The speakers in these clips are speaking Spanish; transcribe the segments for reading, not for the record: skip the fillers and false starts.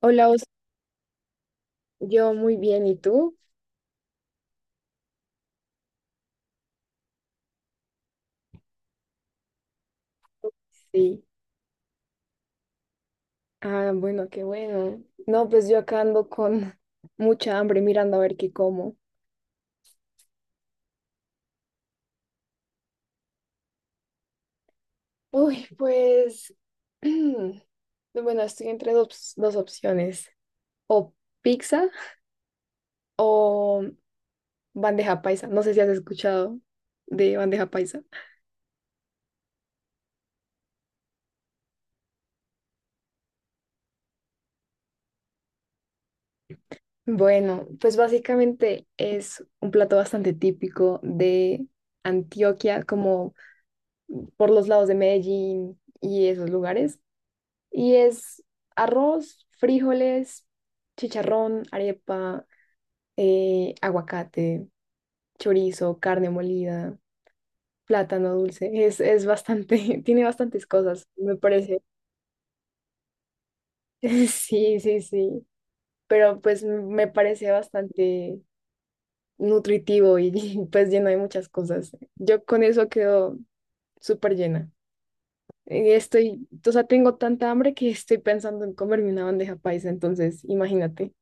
Hola, yo muy bien, ¿y tú? Sí. Ah, bueno, qué bueno. No, pues yo acá ando con mucha hambre mirando a ver qué como. Uy, pues, bueno, estoy entre dos opciones, o pizza o bandeja paisa. No sé si has escuchado de bandeja paisa. Bueno, pues básicamente es un plato bastante típico de Antioquia, como por los lados de Medellín y esos lugares. Y es arroz, frijoles, chicharrón, arepa, aguacate, chorizo, carne molida, plátano dulce. Es bastante, tiene bastantes cosas, me parece. Sí, sí, sí. Pero pues me parece bastante nutritivo y, pues lleno de muchas cosas. Yo con eso quedo súper llena. Estoy, o sea, tengo tanta hambre que estoy pensando en comerme una bandeja paisa, entonces imagínate.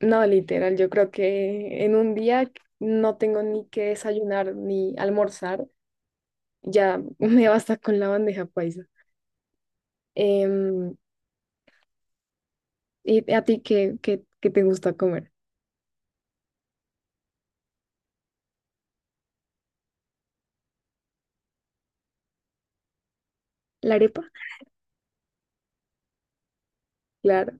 No, literal, yo creo que en un día no tengo ni que desayunar ni almorzar, ya me basta con la bandeja paisa. Em, ¿Y a ti qué te gusta comer? ¿La arepa? Claro,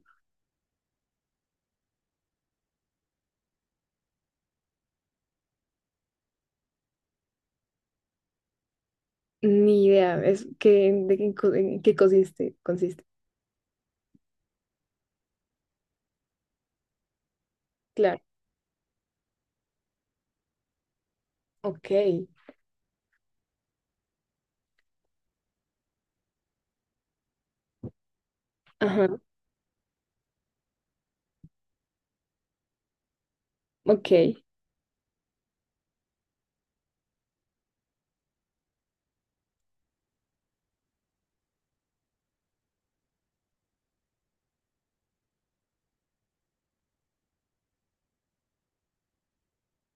ni idea, es que, de qué, en qué consiste. Claro, ok, ajá, ok.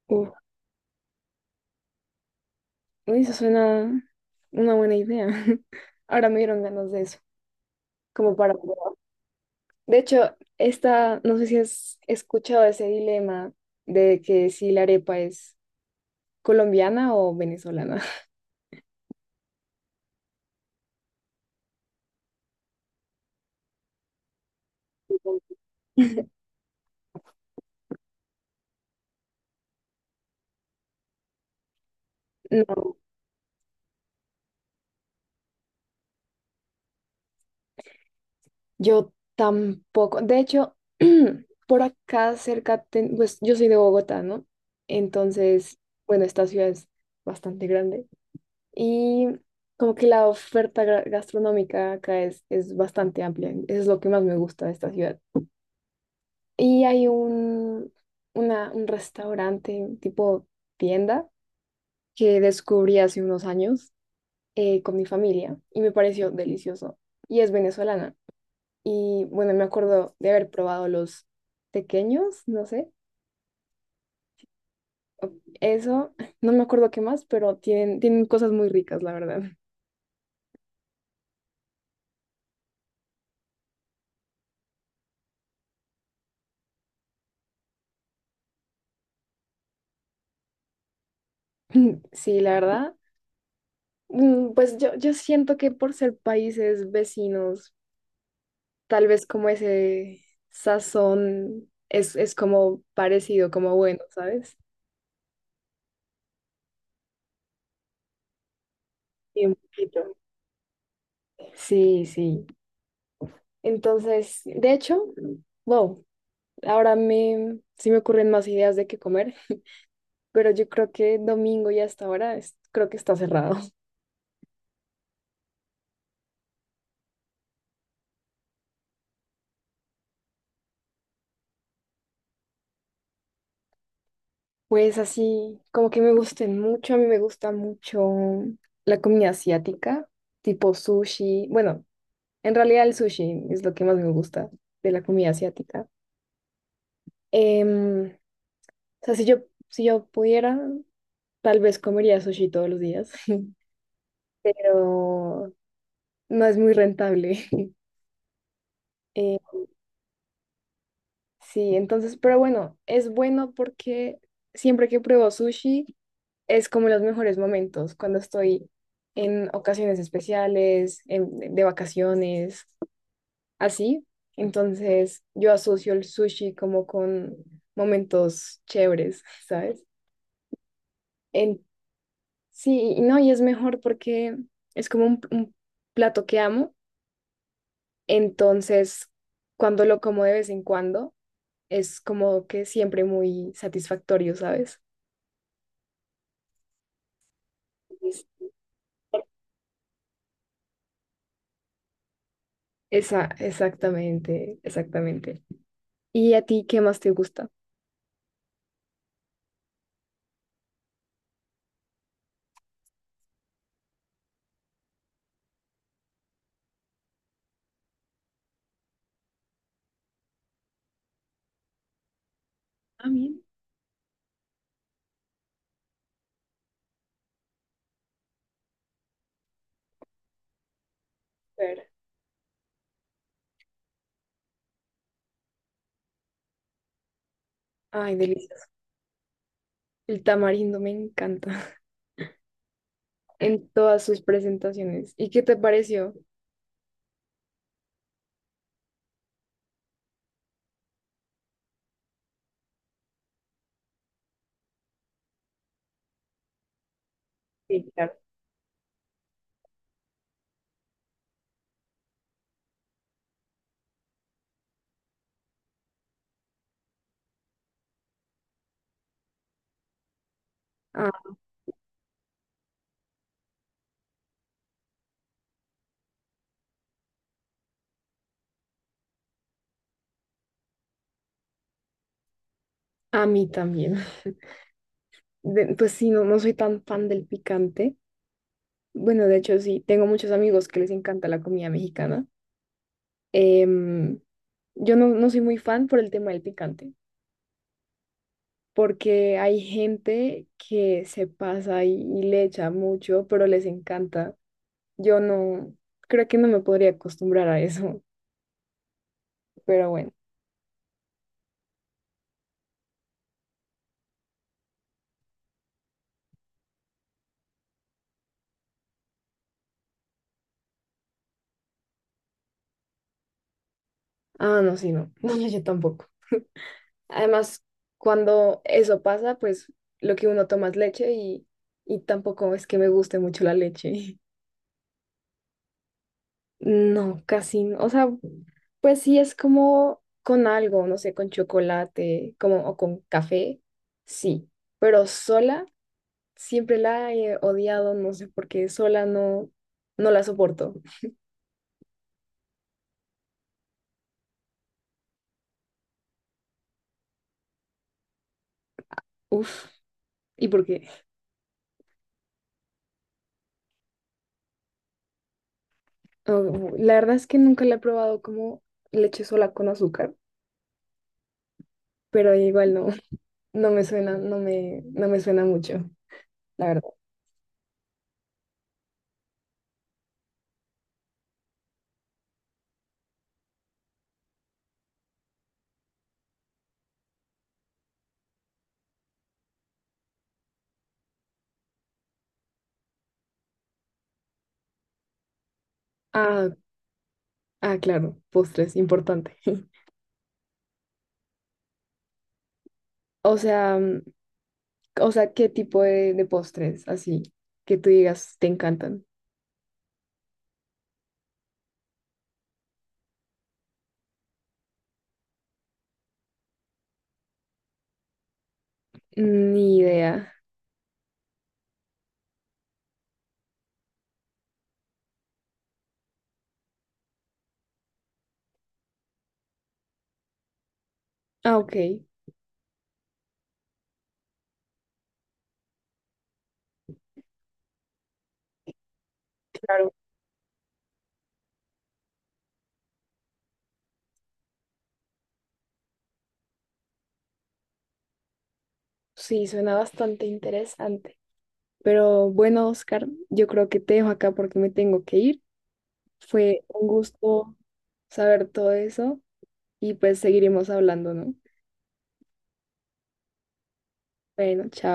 Uf, uy, eso suena una buena idea. Ahora me dieron ganas de eso, como para probar. De hecho, esta, no sé si has escuchado ese dilema de que si la arepa es colombiana o venezolana. No, yo tampoco. De hecho, por acá cerca, pues yo soy de Bogotá, ¿no? Entonces, bueno, esta ciudad es bastante grande y como que la oferta gastronómica acá es bastante amplia. Eso es lo que más me gusta de esta ciudad. Y hay un restaurante tipo tienda que descubrí hace unos años con mi familia y me pareció delicioso. Y es venezolana. Y bueno, me acuerdo de haber probado los pequeños, no sé, eso, no me acuerdo qué más, pero tienen cosas muy ricas, la verdad. Sí, la verdad. Pues yo siento que por ser países vecinos, tal vez como ese sazón es como parecido, como bueno, ¿sabes? Sí, un poquito. Sí, sí. Entonces, de hecho, wow, ahora me, sí me ocurren más ideas de qué comer, pero yo creo que domingo y hasta ahora creo que está cerrado. Pues así, como que me gusten mucho, a mí me gusta mucho la comida asiática, tipo sushi. Bueno, en realidad el sushi es lo que más me gusta de la comida asiática. Em, o sea, si yo pudiera, tal vez comería sushi todos los días, pero no es muy rentable. Eh, sí, entonces, pero bueno, es bueno porque siempre que pruebo sushi es como los mejores momentos, cuando estoy en ocasiones especiales, de vacaciones, así. Entonces, yo asocio el sushi como con momentos chéveres, ¿sabes? En, sí, y no, y es mejor porque es como un plato que amo. Entonces, cuando lo como de vez en cuando, es como que siempre muy satisfactorio, ¿sabes? Exactamente, exactamente. ¿Y a ti qué más te gusta? A mí, ver. Ay, delicioso. El tamarindo me encanta en todas sus presentaciones. ¿Y qué te pareció? Sí, claro. Ah, a mí también. Pues sí, no, no soy tan fan del picante. Bueno, de hecho sí, tengo muchos amigos que les encanta la comida mexicana. Em, yo no, no soy muy fan por el tema del picante, porque hay gente que se pasa y, le echa mucho, pero les encanta. Yo no, creo que no me podría acostumbrar a eso, pero bueno. Ah, no, sí, no. No, no, yo tampoco. Además, cuando eso pasa, pues lo que uno toma es leche y tampoco es que me guste mucho la leche. No, casi no. O sea, pues sí es como con algo, no sé, con chocolate, como o con café, sí. Pero sola siempre la he odiado, no sé por qué, sola no, no la soporto. Uf, ¿y por qué? Oh, la verdad es que nunca la he probado como leche sola con azúcar, pero igual no, no me suena, no me suena mucho, la verdad. Ah, ah, claro, postres, importante. O sea, o sea, ¿qué tipo de postres así que tú digas te encantan? Ni idea. Ah, ok, claro. Sí, suena bastante interesante. Pero bueno, Oscar, yo creo que te dejo acá porque me tengo que ir. Fue un gusto saber todo eso. Y pues seguiremos hablando, ¿no? Bueno, chao.